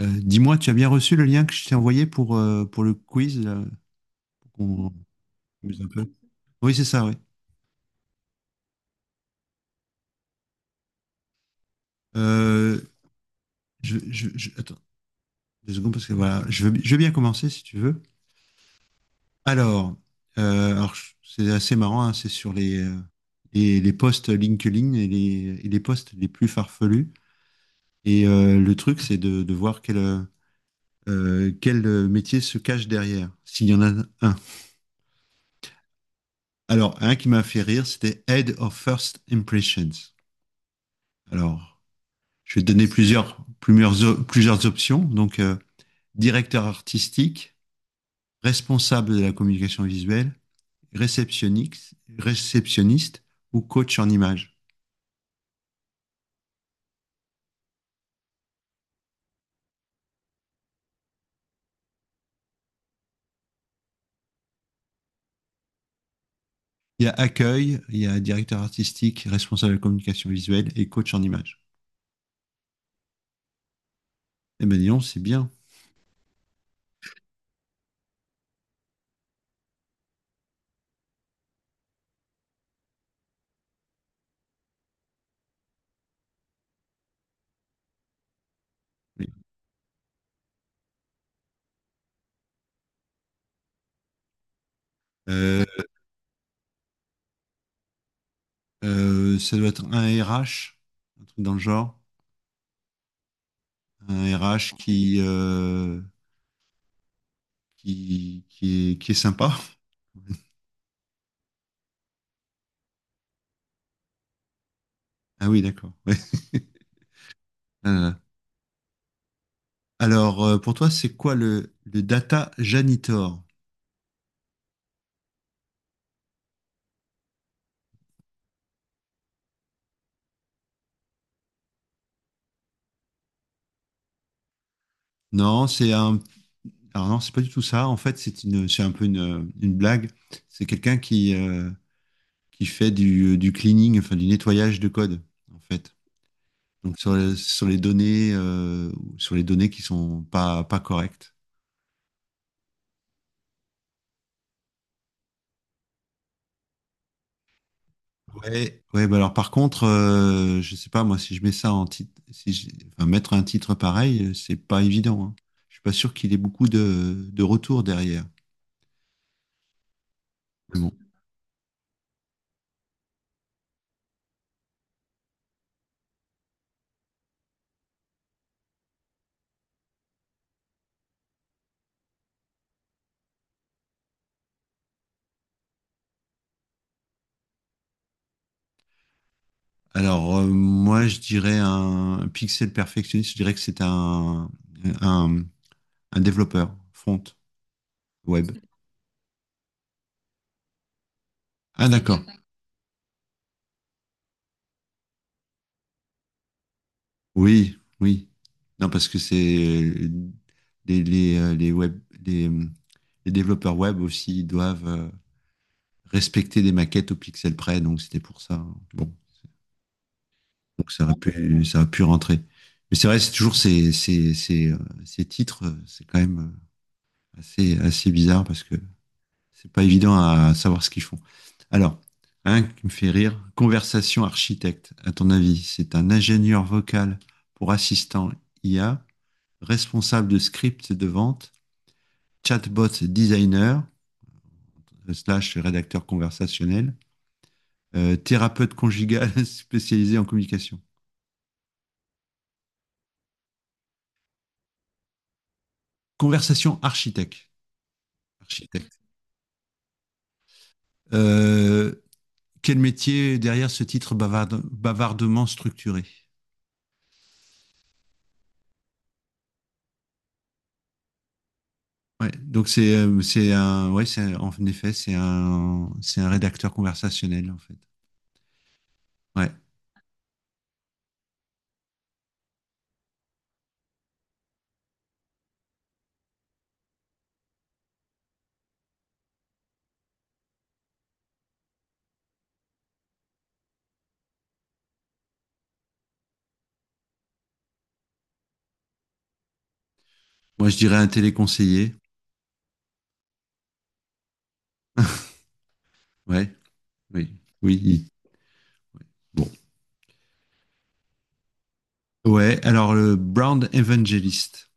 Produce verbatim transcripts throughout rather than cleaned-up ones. Euh, dis-moi, tu as bien reçu le lien que je t'ai envoyé pour, euh, pour le quiz, là, pour qu'on amuse un peu. Oui, c'est ça, oui. Euh, je, je- je- Attends, deux secondes, parce que voilà, je veux, je veux bien commencer si tu veux. Alors, euh, alors je- c'est assez marrant, hein, c'est sur les, euh, les, les posts LinkedIn et les, et les posts les plus farfelus. Et euh, le truc, c'est de, de voir quel, euh, euh, quel euh, métier se cache derrière, s'il y en a un. Alors, un qui m'a fait rire, c'était Head of First Impressions. Alors, je vais te donner plusieurs, plusieurs, plusieurs options. Donc, euh, directeur artistique, responsable de la communication visuelle, réceptionniste, réceptionniste ou coach en images. Il y a accueil, il y a directeur artistique, responsable de la communication visuelle et coach en images. Eh ben dis c'est bien. Oui. Euh, euh, Ça doit être un R H, un truc dans le genre, un R H qui, euh, qui, qui est, qui est sympa. Ah oui, d'accord. Ouais. Ah. Alors, euh, pour toi, c'est quoi le, le data janitor? Non, c'est un. Alors non, c'est pas du tout ça. En fait, c'est une, c'est un peu une, euh, une blague. C'est quelqu'un qui, euh, qui fait du, euh, du cleaning, enfin du nettoyage de code, en fait. Donc sur, le- sur les données, euh, sur les données qui sont pas, pas correctes. Ouais, ouais. Bah alors par contre, euh, je sais pas moi si je mets ça en titre, si je- enfin, mettre un titre pareil, euh, c'est pas évident, hein. Je suis pas sûr qu'il ait beaucoup de, de retours derrière. Bon. Alors, euh, moi, je dirais un pixel perfectionniste, je dirais que c'est un, un, un développeur front web. Ah, d'accord. Oui, oui. Non, parce que c'est euh, les, les, euh, les web, les, euh, les développeurs web aussi ils doivent euh, respecter des maquettes au pixel près, donc c'était pour ça, hein. Bon, donc ça aurait pu, ça aurait pu rentrer. Mais c'est vrai, c'est toujours ces, ces, ces, euh, ces titres, euh, c'est quand même euh, assez, assez bizarre parce que c'est pas évident à savoir ce qu'ils font. Alors, un qui me fait rire, conversation architecte, à ton avis, c'est un ingénieur vocal pour assistant I A, responsable de script de vente, chatbot designer, euh, slash rédacteur conversationnel, euh, thérapeute conjugal spécialisé en communication. Conversation architecte. Architecte. Euh, Quel métier derrière ce titre bavard- bavardement structuré. Ouais, donc c'est euh, c'est un ouais c'est un- en effet c'est un c'est un rédacteur conversationnel en fait. Ouais. Moi je dirais un téléconseiller. Ouais. Oui. Oui. il- Bon. Ouais. Alors le Brown Evangelist.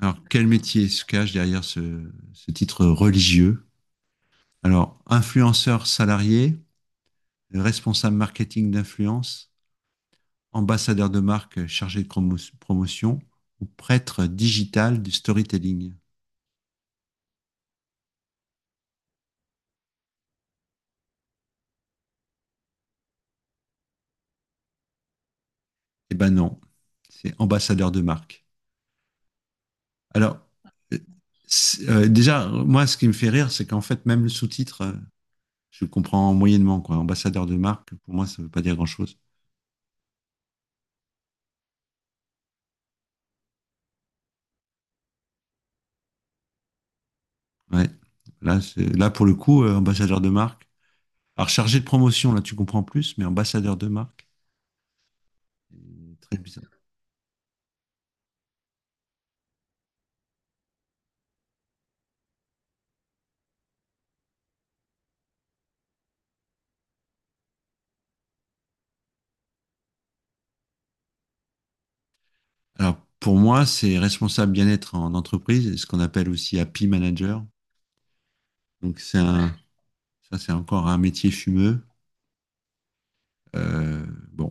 Alors quel métier se cache derrière ce, ce titre religieux? Alors influenceur salarié, responsable marketing d'influence, ambassadeur de marque chargé de promo- promotion ou prêtre digital du storytelling? Eh ben non, c'est ambassadeur de marque. Alors, euh, c'est- euh, Déjà, moi, ce qui me fait rire, c'est qu'en fait, même le sous-titre, euh, je le comprends moyennement, quoi. Ambassadeur de marque, pour moi, ça veut pas dire grand-chose. Ouais. Là, c'est- là, pour le coup, euh, ambassadeur de marque. Alors, chargé de promotion, là, tu comprends plus, mais ambassadeur de marque, c'est très bizarre. Alors, pour moi, c'est responsable bien-être en entreprise, ce qu'on appelle aussi happy manager. Donc, c'est un, ça, c'est encore un métier fumeux. Euh, bon,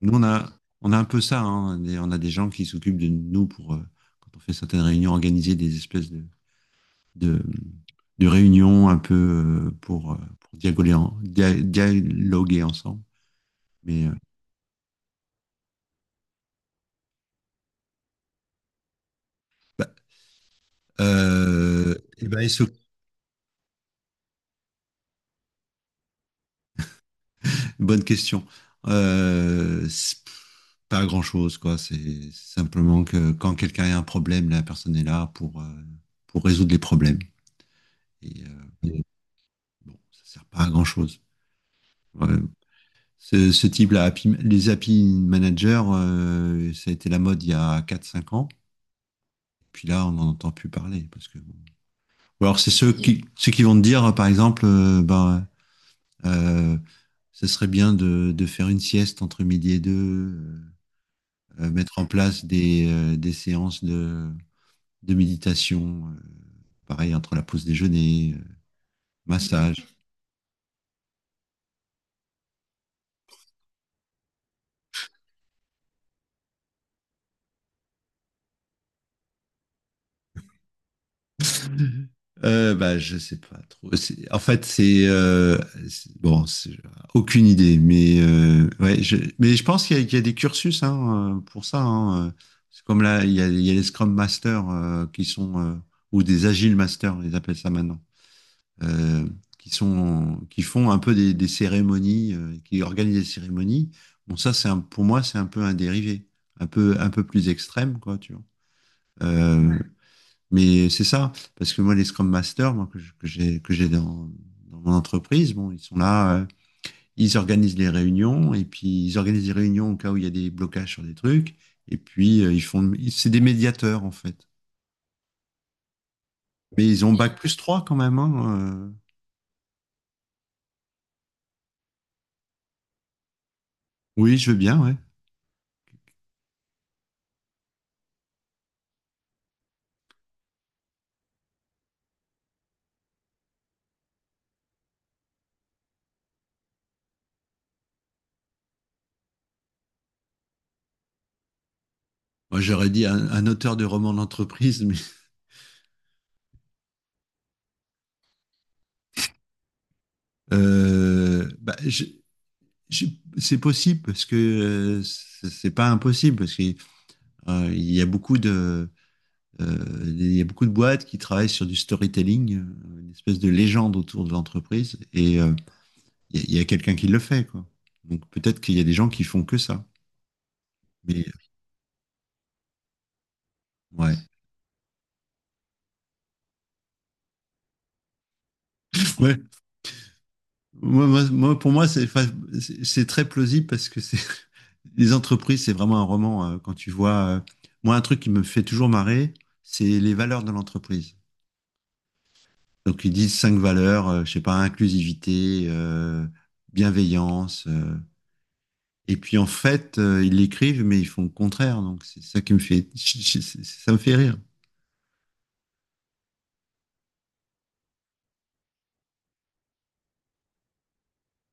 nous, on a, on a un peu ça, hein. On a des- on a des gens qui s'occupent de nous pour, euh, quand on fait certaines réunions, organiser des espèces de, de, de réunions un peu euh, pour, euh, pour dialoguer, en- dia- dialoguer ensemble. Mais, euh, bah, euh, eh ben, ils s'occupent. Bonne question. Euh, c'est pas grand-chose, quoi. C'est simplement que quand quelqu'un a un problème, la personne est là pour, euh, pour résoudre les problèmes. Et, euh, bon, ça sert pas à grand-chose. Ouais, Ce, ce type-là, happy- les happy managers, euh, ça a été la mode il y a quatre cinq ans. Puis là, on n'en entend plus parler. Parce que... bon. Ou alors, c'est ceux qui, ceux qui vont te dire, par exemple, euh, ben, euh, ce serait bien de, de faire une sieste entre midi et deux, euh, euh, mettre en place des, euh, des séances de, de méditation, euh, pareil, entre la pause déjeuner, euh, massage. Euh, bah, je sais pas trop. C'est- En fait, c'est euh, c'est- bon, c'est- aucune idée. Mais euh, ouais, je, mais je pense qu'il y, a qu'il y a des cursus, hein, euh, pour ça, hein, euh. C'est comme là, il y a, il y a les Scrum Masters euh, qui sont euh, ou des Agile Masters, ils appellent ça maintenant, euh, qui sont qui font un peu des, des cérémonies, euh, qui organisent des cérémonies. Bon, ça, c'est un, pour moi, c'est un peu un dérivé, un peu un peu plus extrême, quoi, tu vois. Euh, mais c'est ça, parce que moi, les Scrum Masters, moi, que je- que j'ai, que j'ai dans dans mon entreprise, bon, ils sont là, euh, ils organisent les réunions, et puis ils organisent les réunions au cas où il y a des blocages sur des trucs, et puis euh, ils font, ils- c'est des médiateurs, en fait. Mais ils ont bac plus trois quand même, hein, euh. Oui, je veux bien, ouais. Moi, j'aurais dit un, un auteur de roman d'entreprise, mais euh, bah, je- je- c'est possible parce que euh, c'est c'est pas impossible parce qu'il y a beaucoup de. Euh, il y a beaucoup de boîtes qui travaillent sur du storytelling, euh, une espèce de légende autour de l'entreprise, et euh, il y a, il y a quelqu'un qui le fait, quoi. Donc peut-être qu'il y a des gens qui font que ça. Mais euh, ouais, ouais. Moi, moi, moi, pour moi, c'est, enfin, c'est c'est très plausible parce que c'est les entreprises, c'est vraiment un roman. Euh, quand tu vois, euh, moi, un truc qui me fait toujours marrer, c'est les valeurs de l'entreprise. Donc ils disent cinq valeurs, euh, je sais pas, inclusivité, euh, bienveillance, euh, et puis en fait, euh, ils l'écrivent, mais ils font le contraire. Donc c'est ça qui me fait, ça me fait rire.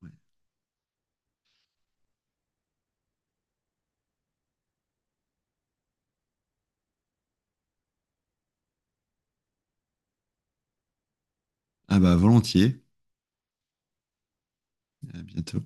Ouais. Ah bah volontiers. À bientôt.